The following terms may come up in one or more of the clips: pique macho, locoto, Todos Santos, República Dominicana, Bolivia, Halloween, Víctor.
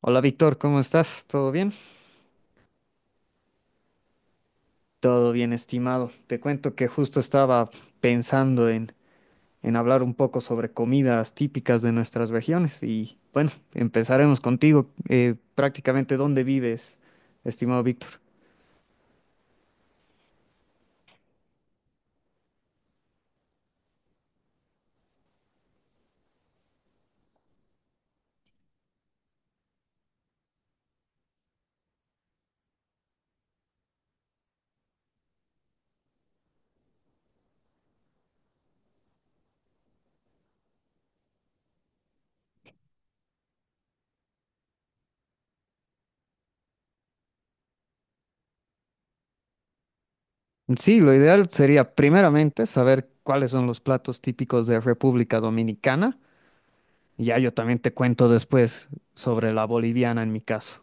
Hola Víctor, ¿cómo estás? ¿Todo bien? Todo bien, estimado. Te cuento que justo estaba pensando en hablar un poco sobre comidas típicas de nuestras regiones y bueno, empezaremos contigo. Prácticamente, ¿dónde vives, estimado Víctor? Sí, lo ideal sería primeramente saber cuáles son los platos típicos de República Dominicana. Ya yo también te cuento después sobre la boliviana en mi caso.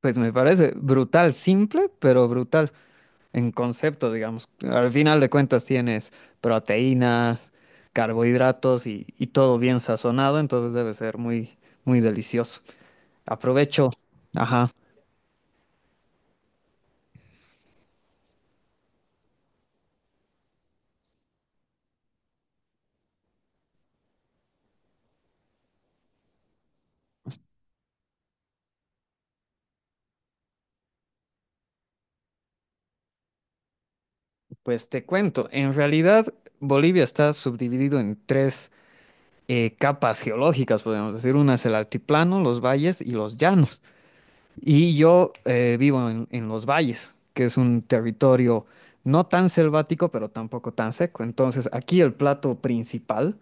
Pues me parece brutal, simple, pero brutal en concepto, digamos. Al final de cuentas tienes proteínas, carbohidratos y todo bien sazonado, entonces debe ser muy, muy delicioso. Aprovecho. Ajá. Pues te cuento, en realidad Bolivia está subdividido en tres capas geológicas, podemos decir. Una es el altiplano, los valles y los llanos. Y yo vivo en los valles, que es un territorio no tan selvático, pero tampoco tan seco. Entonces, aquí el plato principal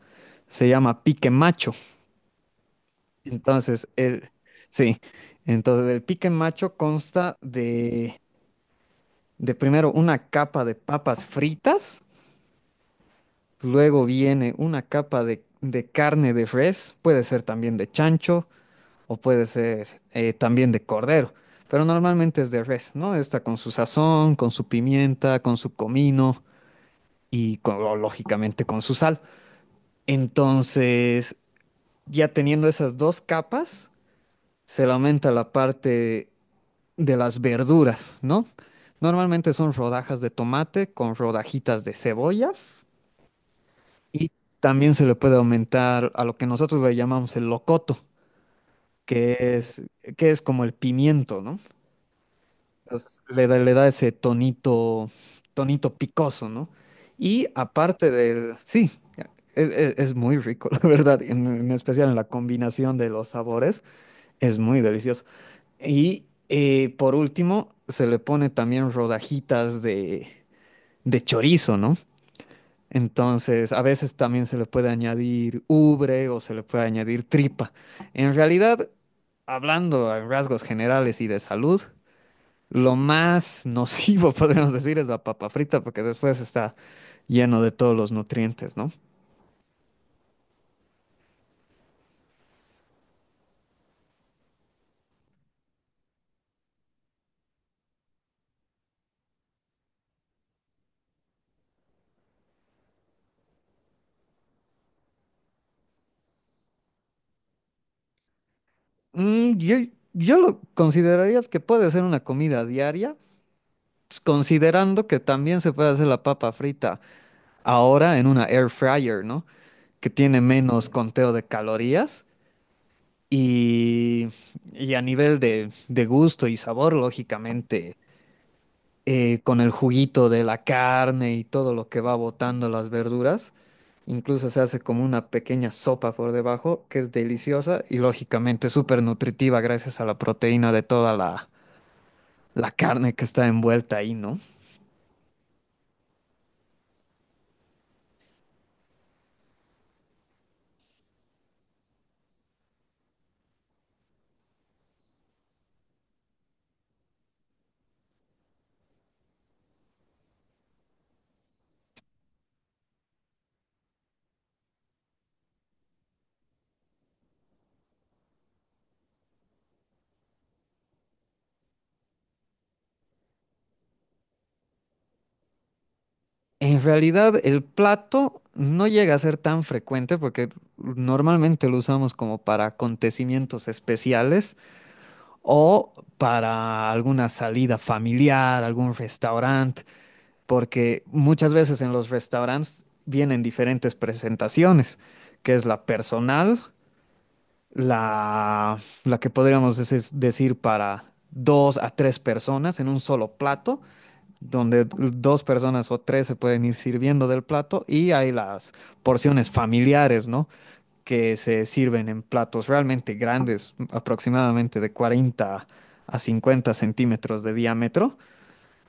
se llama pique macho. Entonces, sí, entonces el pique macho consta de primero una capa de papas fritas, luego viene una capa de carne de res, puede ser también de chancho, o puede ser también de cordero, pero normalmente es de res, ¿no? Está con su sazón, con su pimienta, con su comino y lógicamente con su sal. Entonces, ya teniendo esas dos capas, se le aumenta la parte de las verduras, ¿no? Normalmente son rodajas de tomate con rodajitas de cebolla y también se le puede aumentar a lo que nosotros le llamamos el locoto, que es, que es como el pimiento, ¿no? Pues, le da ese tonito, tonito picoso, ¿no? Y aparte del, sí, e- es muy rico, la verdad, en especial en la combinación de los sabores, es muy delicioso. Y por último, se le pone también rodajitas de chorizo, ¿no? Entonces, a veces también se le puede añadir ubre o se le puede añadir tripa. En realidad, hablando a rasgos generales y de salud, lo más nocivo, podríamos decir, es la papa frita, porque después está lleno de todos los nutrientes, ¿no? Mm, yo, yo lo consideraría que puede ser una comida diaria, pues, considerando que también se puede hacer la papa frita ahora en una air fryer, ¿no? Que tiene menos conteo de calorías y, y a nivel de gusto y sabor, lógicamente con el juguito de la carne y todo lo que va botando las verduras. Incluso se hace como una pequeña sopa por debajo, que es deliciosa y lógicamente súper nutritiva gracias a la proteína de toda la carne que está envuelta ahí, ¿no? En realidad el plato no llega a ser tan frecuente porque normalmente lo usamos como para acontecimientos especiales o para alguna salida familiar, algún restaurante. Porque muchas veces en los restaurantes vienen diferentes presentaciones, que es la personal, la que podríamos decir para dos a tres personas en un solo plato, donde dos personas o tres se pueden ir sirviendo del plato, y hay las porciones familiares, ¿no? Que se sirven en platos realmente grandes, aproximadamente de 40 a 50 centímetros de diámetro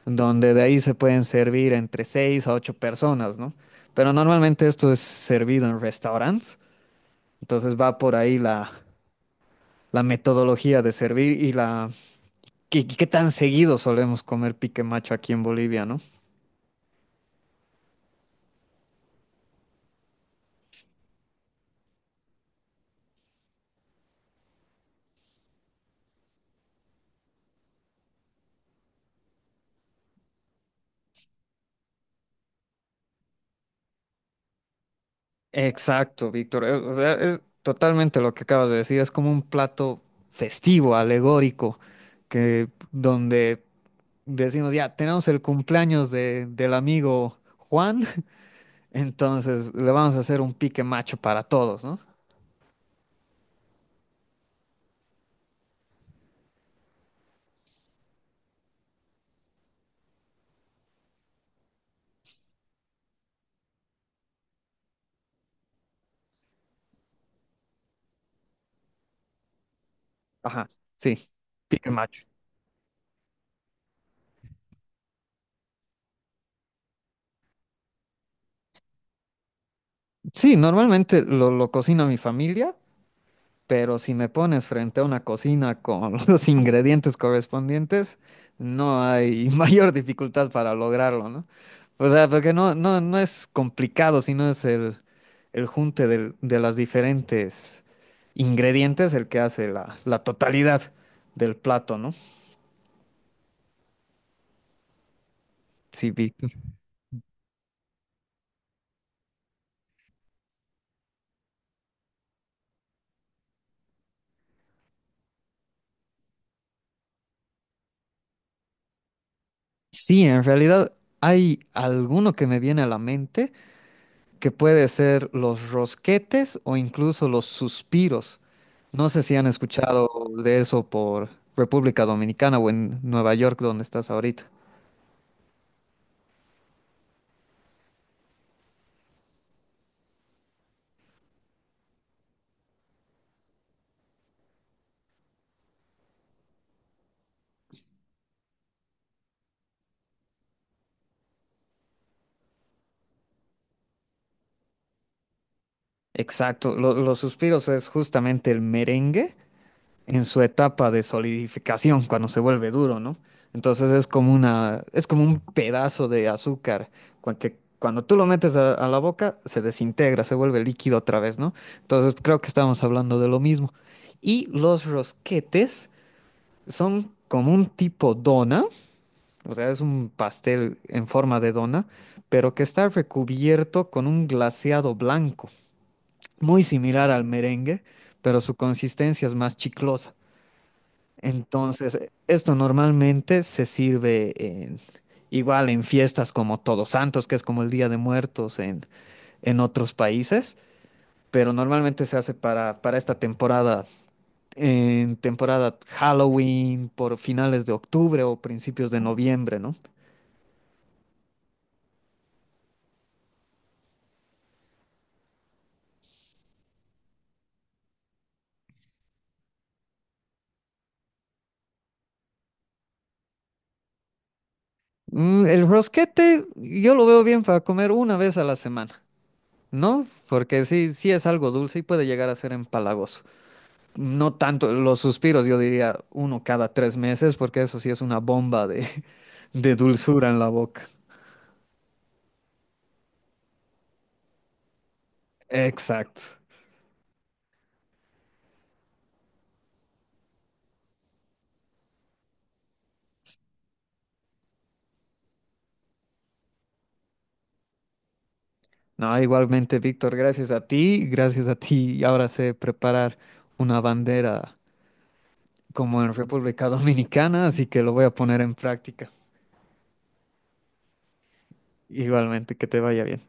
donde de ahí se pueden servir entre 6 a 8 personas, ¿no? Pero normalmente esto es servido en restaurantes, entonces va por ahí la metodología de servir y la qué, qué tan seguido solemos comer pique macho aquí en Bolivia, ¿no? Exacto, Víctor. O sea, es totalmente lo que acabas de decir. Es como un plato festivo, alegórico, que donde decimos, ya, tenemos el cumpleaños del amigo Juan. Entonces, le vamos a hacer un pique macho para todos, ¿no? Ajá, sí, pique macho. Sí, normalmente lo cocina mi familia, pero si me pones frente a una cocina con los ingredientes correspondientes, no hay mayor dificultad para lograrlo, ¿no? O sea, porque no, no es complicado, sino es el junte de las diferentes ingredientes el que hace la totalidad del plato, ¿no? Sí, vi. Sí, en realidad hay alguno que me viene a la mente que puede ser los rosquetes o incluso los suspiros. No sé si han escuchado de eso por República Dominicana o en Nueva York, donde estás ahorita. Exacto, los suspiros es justamente el merengue en su etapa de solidificación cuando se vuelve duro, ¿no? Entonces es como una, es como un pedazo de azúcar que cuando tú lo metes a la boca se desintegra, se vuelve líquido otra vez, ¿no? Entonces creo que estamos hablando de lo mismo. Y los rosquetes son como un tipo dona, o sea, es un pastel en forma de dona, pero que está recubierto con un glaseado blanco, muy similar al merengue, pero su consistencia es más chiclosa. Entonces, esto normalmente igual en fiestas como Todos Santos, que es como el Día de Muertos en otros países, pero normalmente se hace para esta temporada, en temporada Halloween, por finales de octubre o principios de noviembre, ¿no? Mm, el rosquete yo lo veo bien para comer una vez a la semana, ¿no? Porque sí, sí es algo dulce y puede llegar a ser empalagoso. No tanto los suspiros, yo diría uno cada tres meses, porque eso sí es una bomba de, de dulzura en la boca. Exacto. No, igualmente, Víctor, gracias a ti, gracias a ti. Y ahora sé preparar una bandera como en República Dominicana, así que lo voy a poner en práctica. Igualmente, que te vaya bien.